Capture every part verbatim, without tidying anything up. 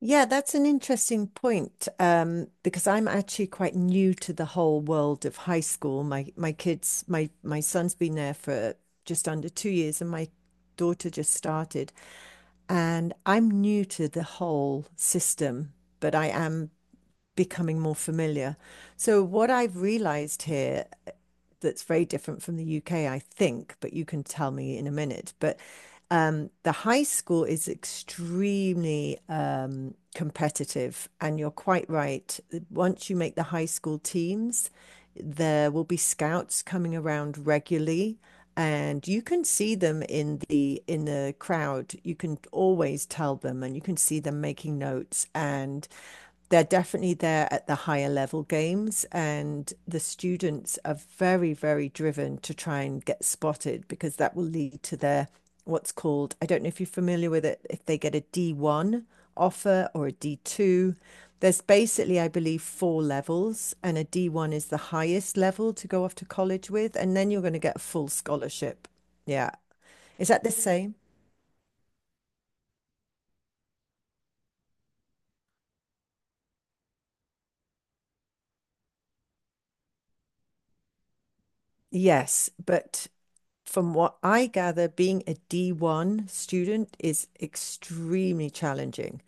Yeah, that's an interesting point, um, because I'm actually quite new to the whole world of high school. My my kids, my my son's been there for just under two years, and my daughter just started. And I'm new to the whole system, but I am becoming more familiar. So, what I've realized here, uh, that's very different from the U K, I think, but you can tell me in a minute. But um, the high school is extremely um, competitive, and you're quite right. Once you make the high school teams, there will be scouts coming around regularly. And you can see them in the in the crowd. You can always tell them, and you can see them making notes. And they're definitely there at the higher level games, and the students are very very driven to try and get spotted, because that will lead to their, what's called, I don't know if you're familiar with it, if they get a D one offer or a D two. There's basically, I believe, four levels, and a D one is the highest level to go off to college with, and then you're going to get a full scholarship. Yeah. Is that the same? Yes, but from what I gather, being a D one student is extremely challenging.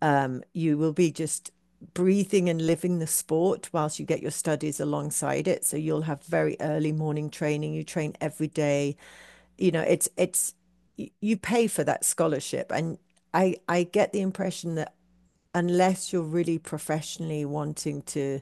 Um, you will be just breathing and living the sport whilst you get your studies alongside it. So you'll have very early morning training. You train every day. You know, it's it's You pay for that scholarship, and I I get the impression that unless you're really professionally wanting to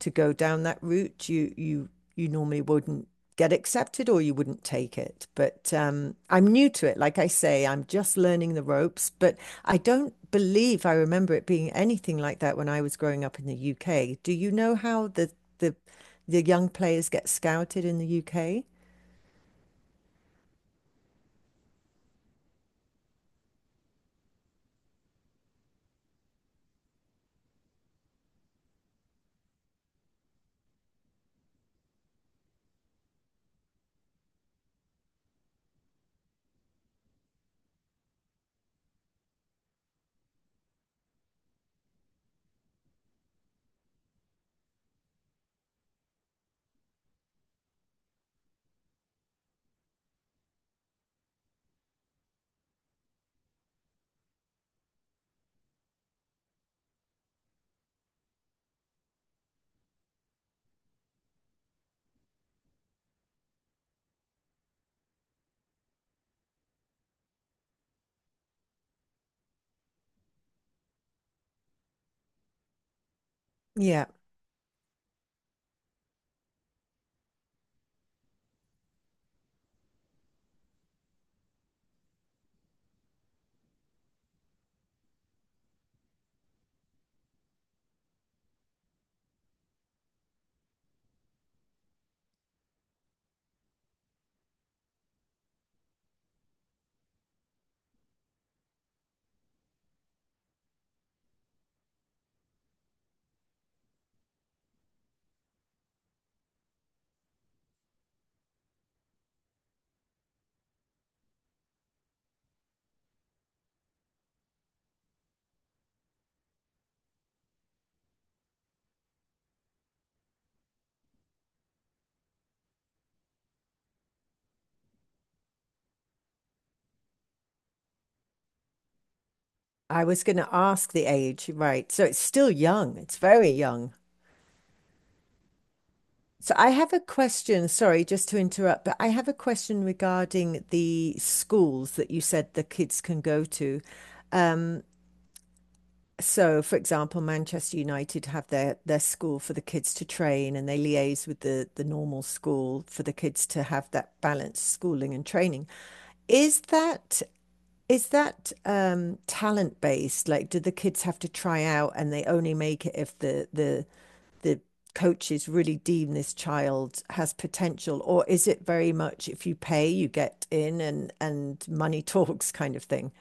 to go down that route, you you you normally wouldn't get accepted or you wouldn't take it. But um, I'm new to it. Like I say, I'm just learning the ropes, but I don't believe I remember it being anything like that when I was growing up in the U K. Do you know how the the the young players get scouted in the U K? Yeah, I was going to ask the age, right. So it's still young. It's very young. So I have a question. Sorry, just to interrupt, but I have a question regarding the schools that you said the kids can go to. So, for example, Manchester United have their their school for the kids to train, and they liaise with the the normal school for the kids to have that balanced schooling and training. Is that is that um, talent based? Like, do the kids have to try out and they only make it if the the the coaches really deem this child has potential? Or is it very much if you pay you get in, and and money talks, kind of thing?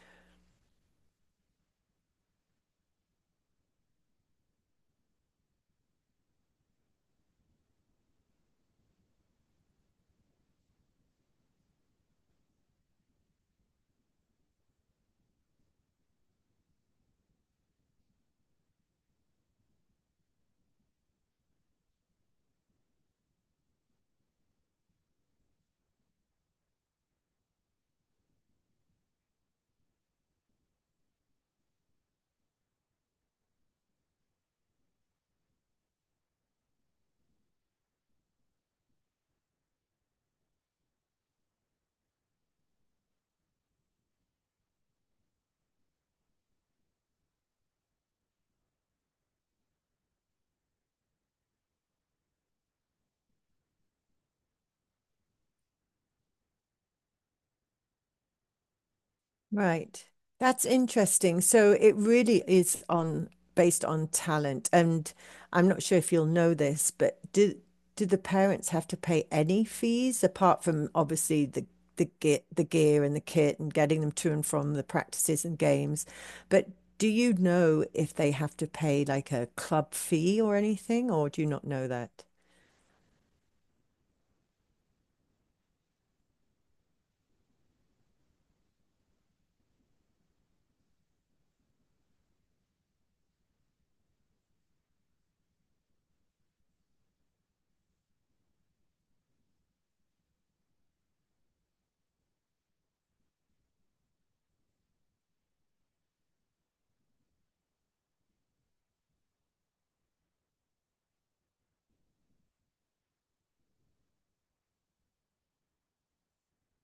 Right. That's interesting. So it really is on based on talent. And I'm not sure if you'll know this, but do do the parents have to pay any fees apart from obviously the, the gear, the gear and the kit and getting them to and from the practices and games? But do you know if they have to pay like a club fee or anything, or do you not know that?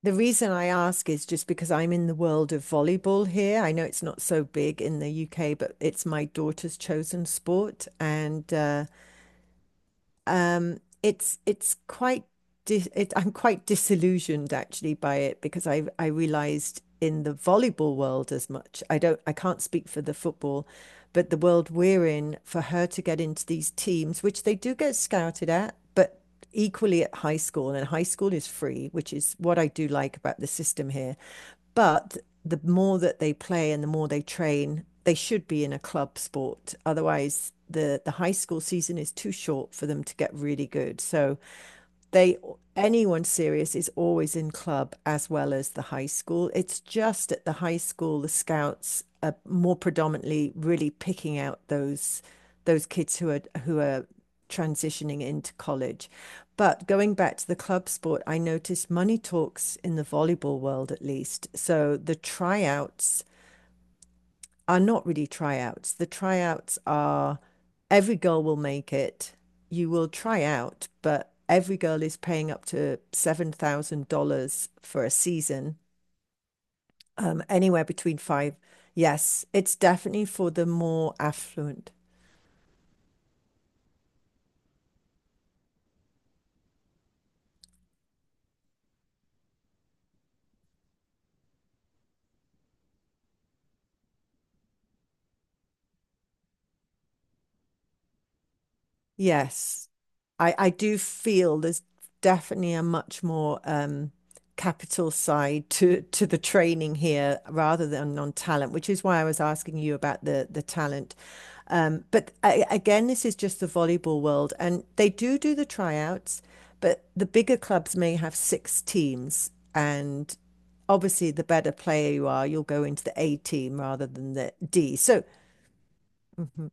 The reason I ask is just because I'm in the world of volleyball here. I know it's not so big in the U K, but it's my daughter's chosen sport. And uh, um, it's it's quite dis it, I'm quite disillusioned actually by it, because I I realized in the volleyball world as much. I don't, I can't speak for the football, but the world we're in, for her to get into these teams, which they do get scouted at, but equally at high school, and high school is free, which is what I do like about the system here. But the more that they play and the more they train, they should be in a club sport. Otherwise, the the high school season is too short for them to get really good. So they anyone serious is always in club as well as the high school. It's just at the high school the scouts are more predominantly really picking out those those kids who are who are transitioning into college. But going back to the club sport, I noticed money talks in the volleyball world at least. So the tryouts are not really tryouts. The tryouts are, every girl will make it. You will try out, but every girl is paying up to seven thousand dollars for a season, um, anywhere between five. Yes, it's definitely for the more affluent. Yes. I, I do feel there's definitely a much more, um, capital side to, to the training here rather than on talent, which is why I was asking you about the, the talent. Um, but I, again, this is just the volleyball world, and they do do the tryouts, but the bigger clubs may have six teams, and obviously, the better player you are, you'll go into the A team rather than the D. So. Mhm.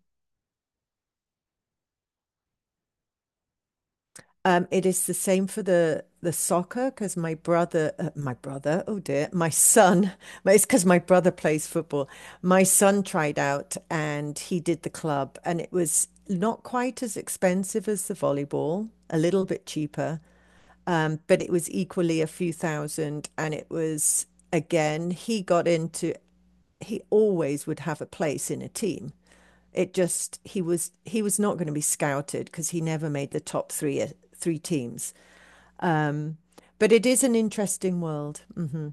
Um, it is the same for the the soccer, because my brother, uh, my brother, oh dear, my son. It's because my brother plays football. My son tried out and he did the club, and it was not quite as expensive as the volleyball, a little bit cheaper, um, but it was equally a few thousand, and it was, again, he got into, he always would have a place in a team. It just, he was he was not going to be scouted because he never made the top three, uh, three teams. But it is an interesting world. Hmm.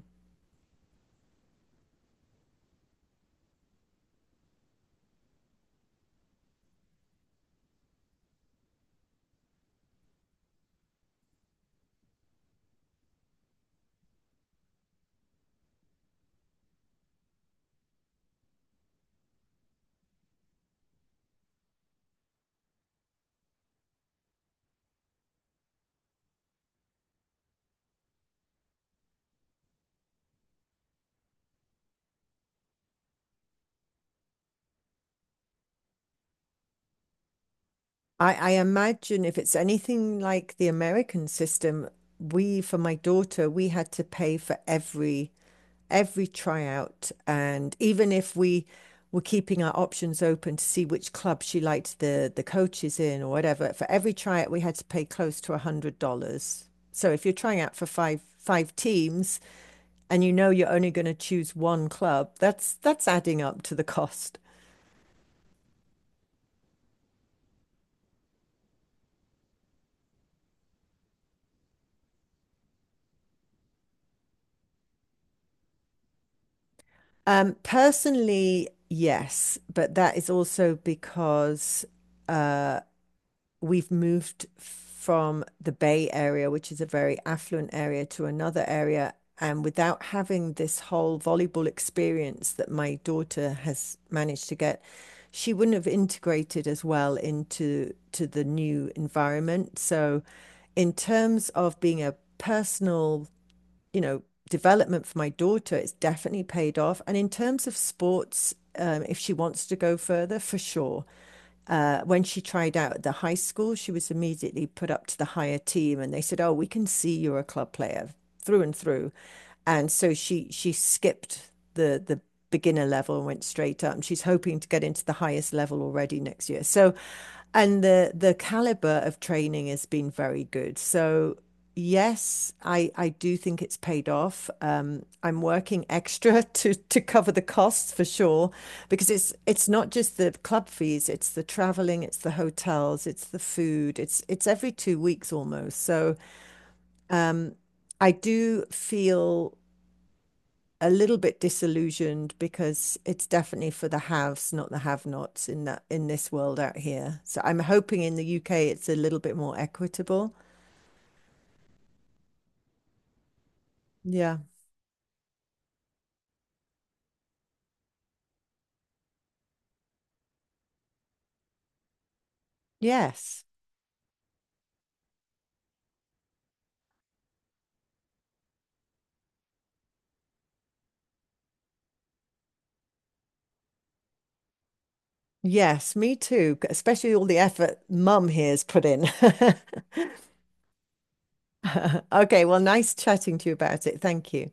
I, I imagine if it's anything like the American system, we, for my daughter, we had to pay for every every tryout. And even if we were keeping our options open to see which club she liked the the coaches in or whatever, for every tryout we had to pay close to a hundred dollars. So if you're trying out for five five teams, and you know you're only going to choose one club, that's that's adding up to the cost. Um, personally, yes, but that is also because, uh, we've moved from the Bay Area, which is a very affluent area, to another area. And without having this whole volleyball experience that my daughter has managed to get, she wouldn't have integrated as well into to the new environment. So, in terms of being a personal, you know, development for my daughter, it's definitely paid off. And in terms of sports, um, if she wants to go further, for sure. Uh, when she tried out at the high school, she was immediately put up to the higher team, and they said, "Oh, we can see you're a club player through and through." And so she she skipped the the beginner level and went straight up. And she's hoping to get into the highest level already next year. So, and the the caliber of training has been very good. So, yes, I, I do think it's paid off. Um, I'm working extra to to cover the costs for sure, because it's it's not just the club fees, it's the traveling, it's the hotels, it's the food, it's it's every two weeks almost. So um, I do feel a little bit disillusioned because it's definitely for the haves, not the have-nots, in that in this world out here. So I'm hoping in the U K it's a little bit more equitable. Yeah. Yes. Yes, me too, c- especially all the effort mum here's put in. Okay, well, nice chatting to you about it. Thank you.